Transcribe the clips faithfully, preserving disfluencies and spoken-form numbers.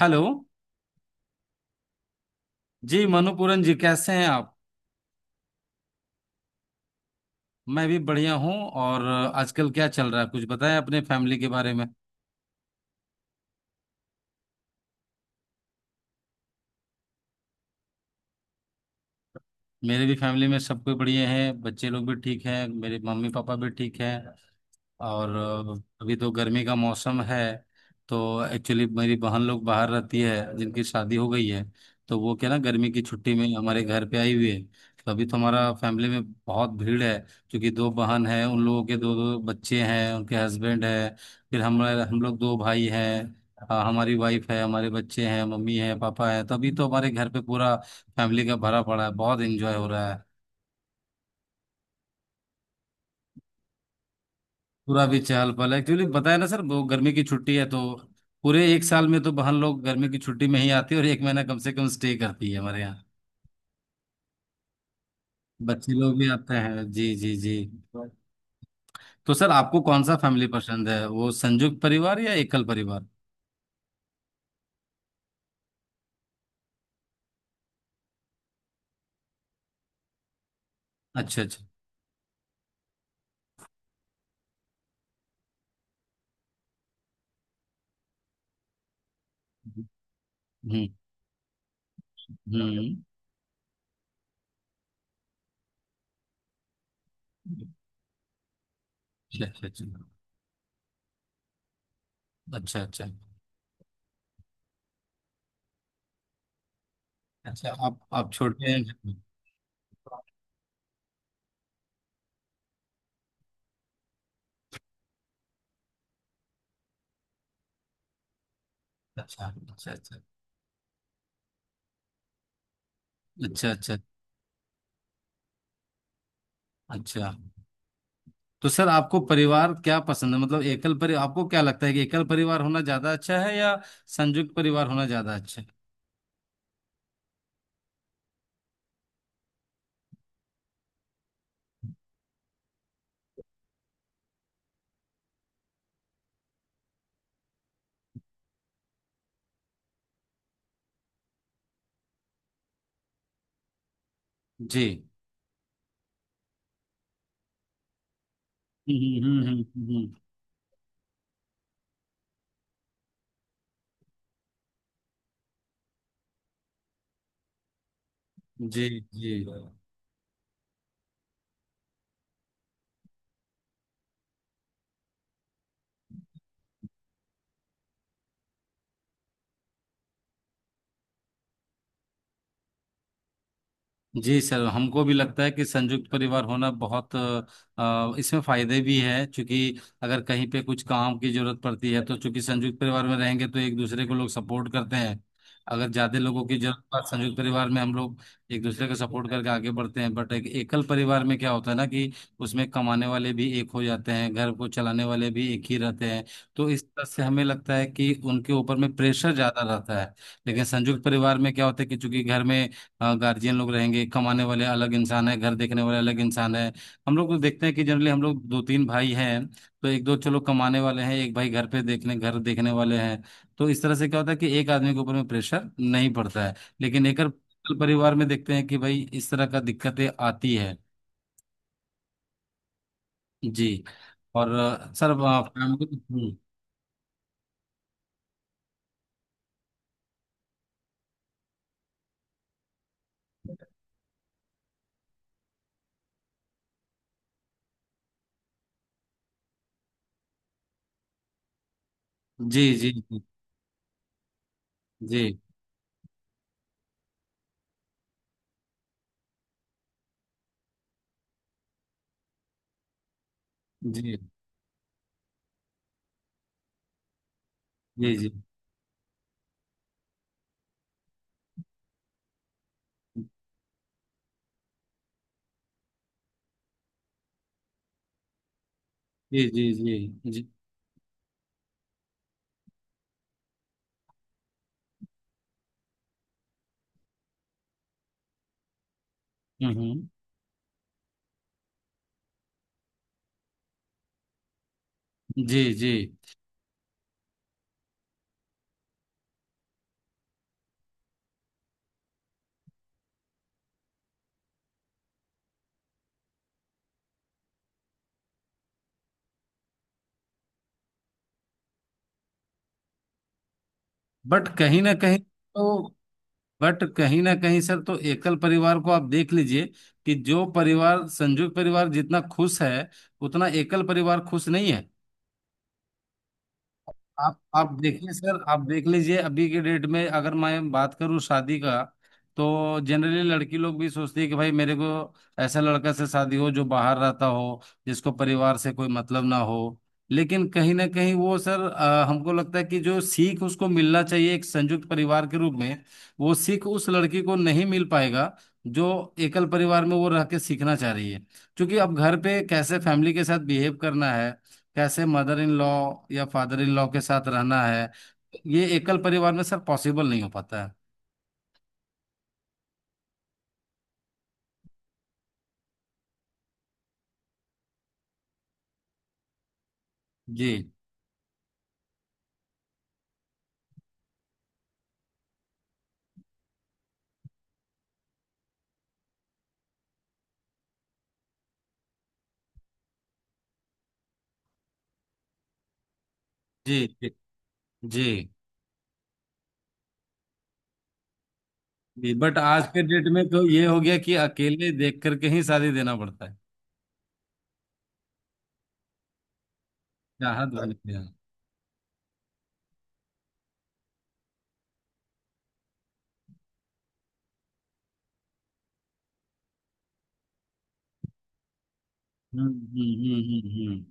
Hello. जी मनुपूरन जी कैसे हैं आप। मैं भी बढ़िया हूँ। और आजकल क्या चल रहा है कुछ बताएं अपने फैमिली के बारे में। मेरे भी फैमिली में सब कोई बढ़िया है, बच्चे लोग भी ठीक हैं, मेरे मम्मी पापा भी ठीक हैं। और अभी तो गर्मी का मौसम है, तो एक्चुअली मेरी बहन लोग बाहर रहती है जिनकी शादी हो गई है। तो वो क्या ना, गर्मी की छुट्टी में हमारे घर पे आई हुई है। तो अभी तो हमारा फैमिली में बहुत भीड़ है, क्योंकि दो बहन है, उन लोगों के दो दो बच्चे हैं, उनके हस्बैंड है। फिर हम हम लोग दो भाई हैं, अ, हमारी वाइफ है, हमारे बच्चे हैं, मम्मी है, पापा है, तो अभी तो हमारे घर पे पूरा फैमिली का भरा पड़ा है, बहुत एंजॉय हो रहा है। पूरा भी चहल पहल है। एक्चुअली बताया ना सर, वो गर्मी की छुट्टी है, तो पूरे एक साल में तो बहन लोग गर्मी की छुट्टी में ही आती है, और एक महीना कम से कम स्टे करती है हमारे यहाँ। बच्चे लोग भी आते हैं, जी जी जी। तो सर, आपको कौन सा फैमिली पसंद है, वो संयुक्त परिवार या एकल परिवार। अच्छा अच्छा। हम्म हम्म। अच्छा अच्छा अच्छा अच्छा अच्छा अच्छा, आप आप छोटे हैं। अच्छा अच्छा अच्छा अच्छा अच्छा अच्छा। तो सर आपको परिवार क्या पसंद है, मतलब एकल परिवार, आपको क्या लगता है कि एकल परिवार होना ज्यादा अच्छा है या संयुक्त परिवार होना ज्यादा अच्छा है। जी। हम्म हम्म हम्म हम्म, हम्म। जी जी जी सर, हमको भी लगता है कि संयुक्त परिवार होना बहुत अ, इसमें फायदे भी हैं, क्योंकि अगर कहीं पे कुछ काम की जरूरत पड़ती है, तो चूंकि संयुक्त परिवार में रहेंगे, तो एक दूसरे को लोग सपोर्ट करते हैं। अगर ज्यादा लोगों की जरूरत पड़े, संयुक्त परिवार में हम लोग एक दूसरे का सपोर्ट करके आगे बढ़ते हैं। बट एक एकल परिवार में क्या होता है ना, कि उसमें कमाने वाले भी एक हो जाते हैं, घर को चलाने वाले भी एक ही रहते हैं। तो इस तरह से हमें लगता है कि उनके ऊपर में प्रेशर ज्यादा रहता है। लेकिन संयुक्त परिवार में क्या होता है कि चूंकि घर में गार्जियन लोग रहेंगे, कमाने वाले अलग इंसान है, घर देखने वाले अलग इंसान है। हम लोग को देखते हैं कि जनरली हम लोग दो तीन भाई हैं, तो एक दो चलो कमाने वाले हैं, एक भाई घर पे देखने, घर देखने वाले हैं। तो इस तरह से क्या होता है कि एक आदमी के ऊपर में प्रेशर नहीं पड़ता है। लेकिन एक परिवार में देखते हैं कि भाई इस तरह का दिक्कतें आती है। जी। और अ, सर अ, फैमिली हम्म, जी जी जी जी जी जी जी जी जी जी जी, हम्म, हम्म, जी जी। बट कहीं ना कहीं तो बट कहीं ना कहीं सर, तो एकल परिवार को आप देख लीजिए कि जो परिवार संयुक्त परिवार जितना खुश है, उतना एकल परिवार खुश नहीं है। आप आप देखिए सर, आप देख लीजिए, अभी के डेट में अगर मैं बात करूं शादी का, तो जनरली लड़की लोग भी सोचती है कि भाई मेरे को ऐसा लड़का से शादी हो जो बाहर रहता हो, जिसको परिवार से कोई मतलब ना हो। लेकिन कहीं ना कहीं वो सर अ, हमको लगता है कि जो सीख उसको मिलना चाहिए एक संयुक्त परिवार के रूप में, वो सीख उस लड़की को नहीं मिल पाएगा जो एकल परिवार में वो रह के सीखना चाह रही है। क्योंकि अब घर पे कैसे फैमिली के साथ बिहेव करना है, कैसे मदर इन लॉ या फादर इन लॉ के साथ रहना है, ये एकल परिवार में सर पॉसिबल नहीं हो पाता है। जी जी जी जी जी। बट आज के डेट में तो ये हो गया कि अकेले देख करके ही शादी देना पड़ता है। चाहत बनी है। हम्म हम्म हम्म हम्म हम्म।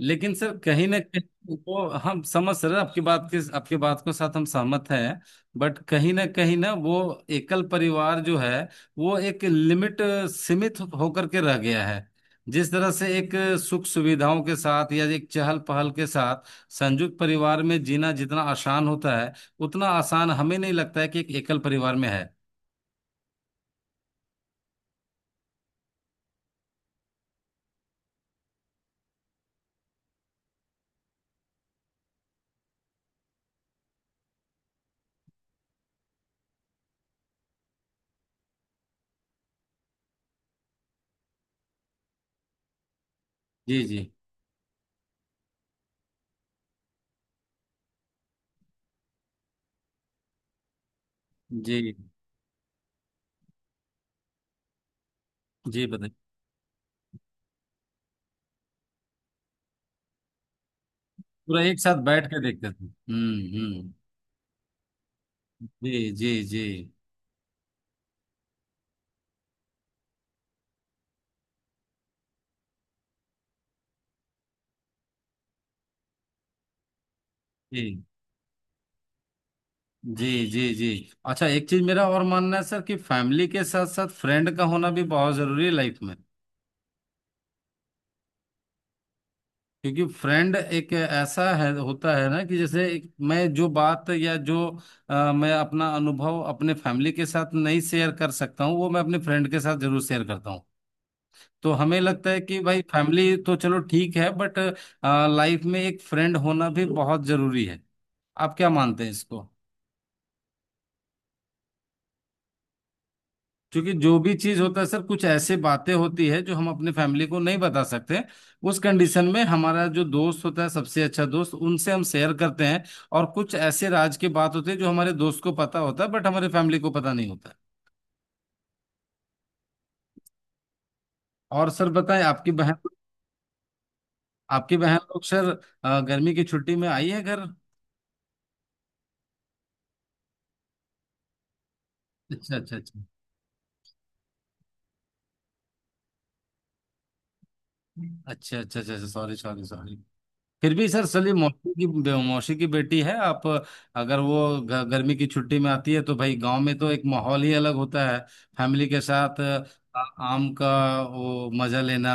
लेकिन सर कहीं ना कहीं वो हम समझ रहे हैं, आपकी बात के आपकी बात को साथ हम सहमत हैं। बट कहीं ना कहीं ना वो एकल परिवार जो है, वो एक लिमिट, अ, सीमित होकर के रह गया है। जिस तरह से एक अ, सुख सुविधाओं के साथ या एक चहल पहल के साथ संयुक्त परिवार में जीना जितना आसान होता है, उतना आसान हमें नहीं लगता है कि एक एकल परिवार में है। जी जी। जी जी बताइए। पूरा एक साथ बैठ के देखते थे, हम्म हम्म। जी जी जी जी जी जी जी। अच्छा एक चीज मेरा और मानना है सर, कि फैमिली के साथ साथ फ्रेंड का होना भी बहुत जरूरी है लाइफ में। क्योंकि फ्रेंड एक ऐसा है होता है ना, कि जैसे एक- मैं जो बात या जो अ, मैं अपना अनुभव अपने फैमिली के साथ नहीं शेयर कर सकता हूँ, वो मैं अपने फ्रेंड के साथ जरूर शेयर करता हूँ। तो हमें लगता है कि भाई फैमिली तो चलो ठीक है, बट लाइफ में एक फ्रेंड होना भी बहुत जरूरी है। आप क्या मानते हैं इसको। क्योंकि जो भी चीज होता है सर, कुछ ऐसे बातें होती है जो हम अपने फैमिली को नहीं बता सकते, उस कंडीशन में हमारा जो दोस्त होता है, सबसे अच्छा दोस्त, उनसे हम शेयर करते हैं। और कुछ ऐसे राज की बात होती है जो हमारे दोस्त को पता होता है बट हमारे फैमिली को पता नहीं होता। और सर बताएं आपकी बहन आपकी बहन लोग सर अ, गर्मी की छुट्टी में आई है घर। अच्छा अच्छा अच्छा अच्छा अच्छा अच्छा, सॉरी सॉरी सॉरी। फिर भी सर सलीम, मौसी की मौसी की बेटी है आप। अगर वो ग- गर्मी की छुट्टी में आती है, तो भाई गांव में तो एक माहौल ही अलग होता है। फैमिली के साथ आ- आम का वो मजा लेना,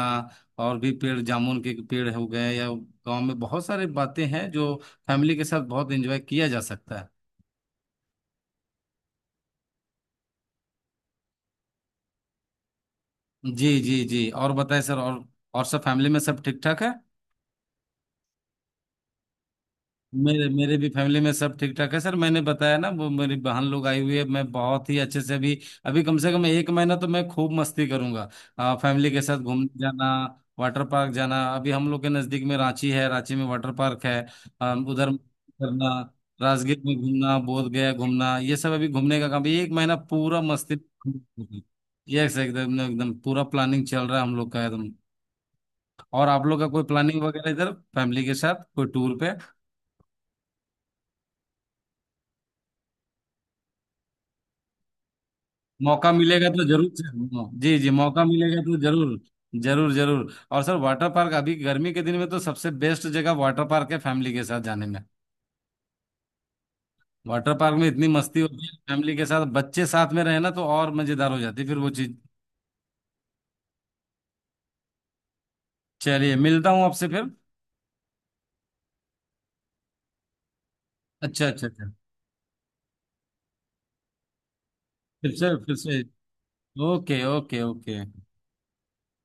और भी पेड़, जामुन के पेड़ हो गए, या गांव में बहुत सारी बातें हैं जो फैमिली के साथ बहुत एंजॉय किया जा सकता है। जी जी जी और बताएं सर, और और सब फैमिली में सब ठीक ठाक है। मेरे मेरे भी फैमिली में सब ठीक ठाक है सर, मैंने बताया ना, वो मेरी बहन लोग आई हुई है, मैं बहुत ही अच्छे से अभी, अभी कम से कम एक महीना तो मैं खूब मस्ती करूंगा। आ, फैमिली के साथ घूमने जाना, वाटर पार्क जाना, अभी हम लोग के नजदीक में रांची है, रांची में वाटर पार्क है। अ, उधर करना, राजगीर में घूमना, बोध गया घूमना, ये सब अभी घूमने का काम, एक महीना पूरा मस्ती। यस, एकदम एकदम पूरा प्लानिंग चल रहा है हम लोग का, एकदम। और आप लोग का कोई प्लानिंग वगैरह, इधर फैमिली के साथ कोई टूर। मौका मिलेगा तो जरूर से- हाँ। जी जी मौका मिलेगा तो जरूर। जरूर जरूर। और सर वाटर पार्क अभी गर्मी के दिन में तो सबसे बेस्ट जगह वाटर पार्क है, फैमिली के साथ जाने में। वाटर पार्क में इतनी मस्ती होती है, फैमिली के साथ बच्चे साथ में रहे ना, तो और मजेदार हो जाती है फिर वो चीज। चलिए, मिलता हूँ आपसे फिर। अच्छा अच्छा अच्छा, फिर से फिर से, ओके ओके ओके।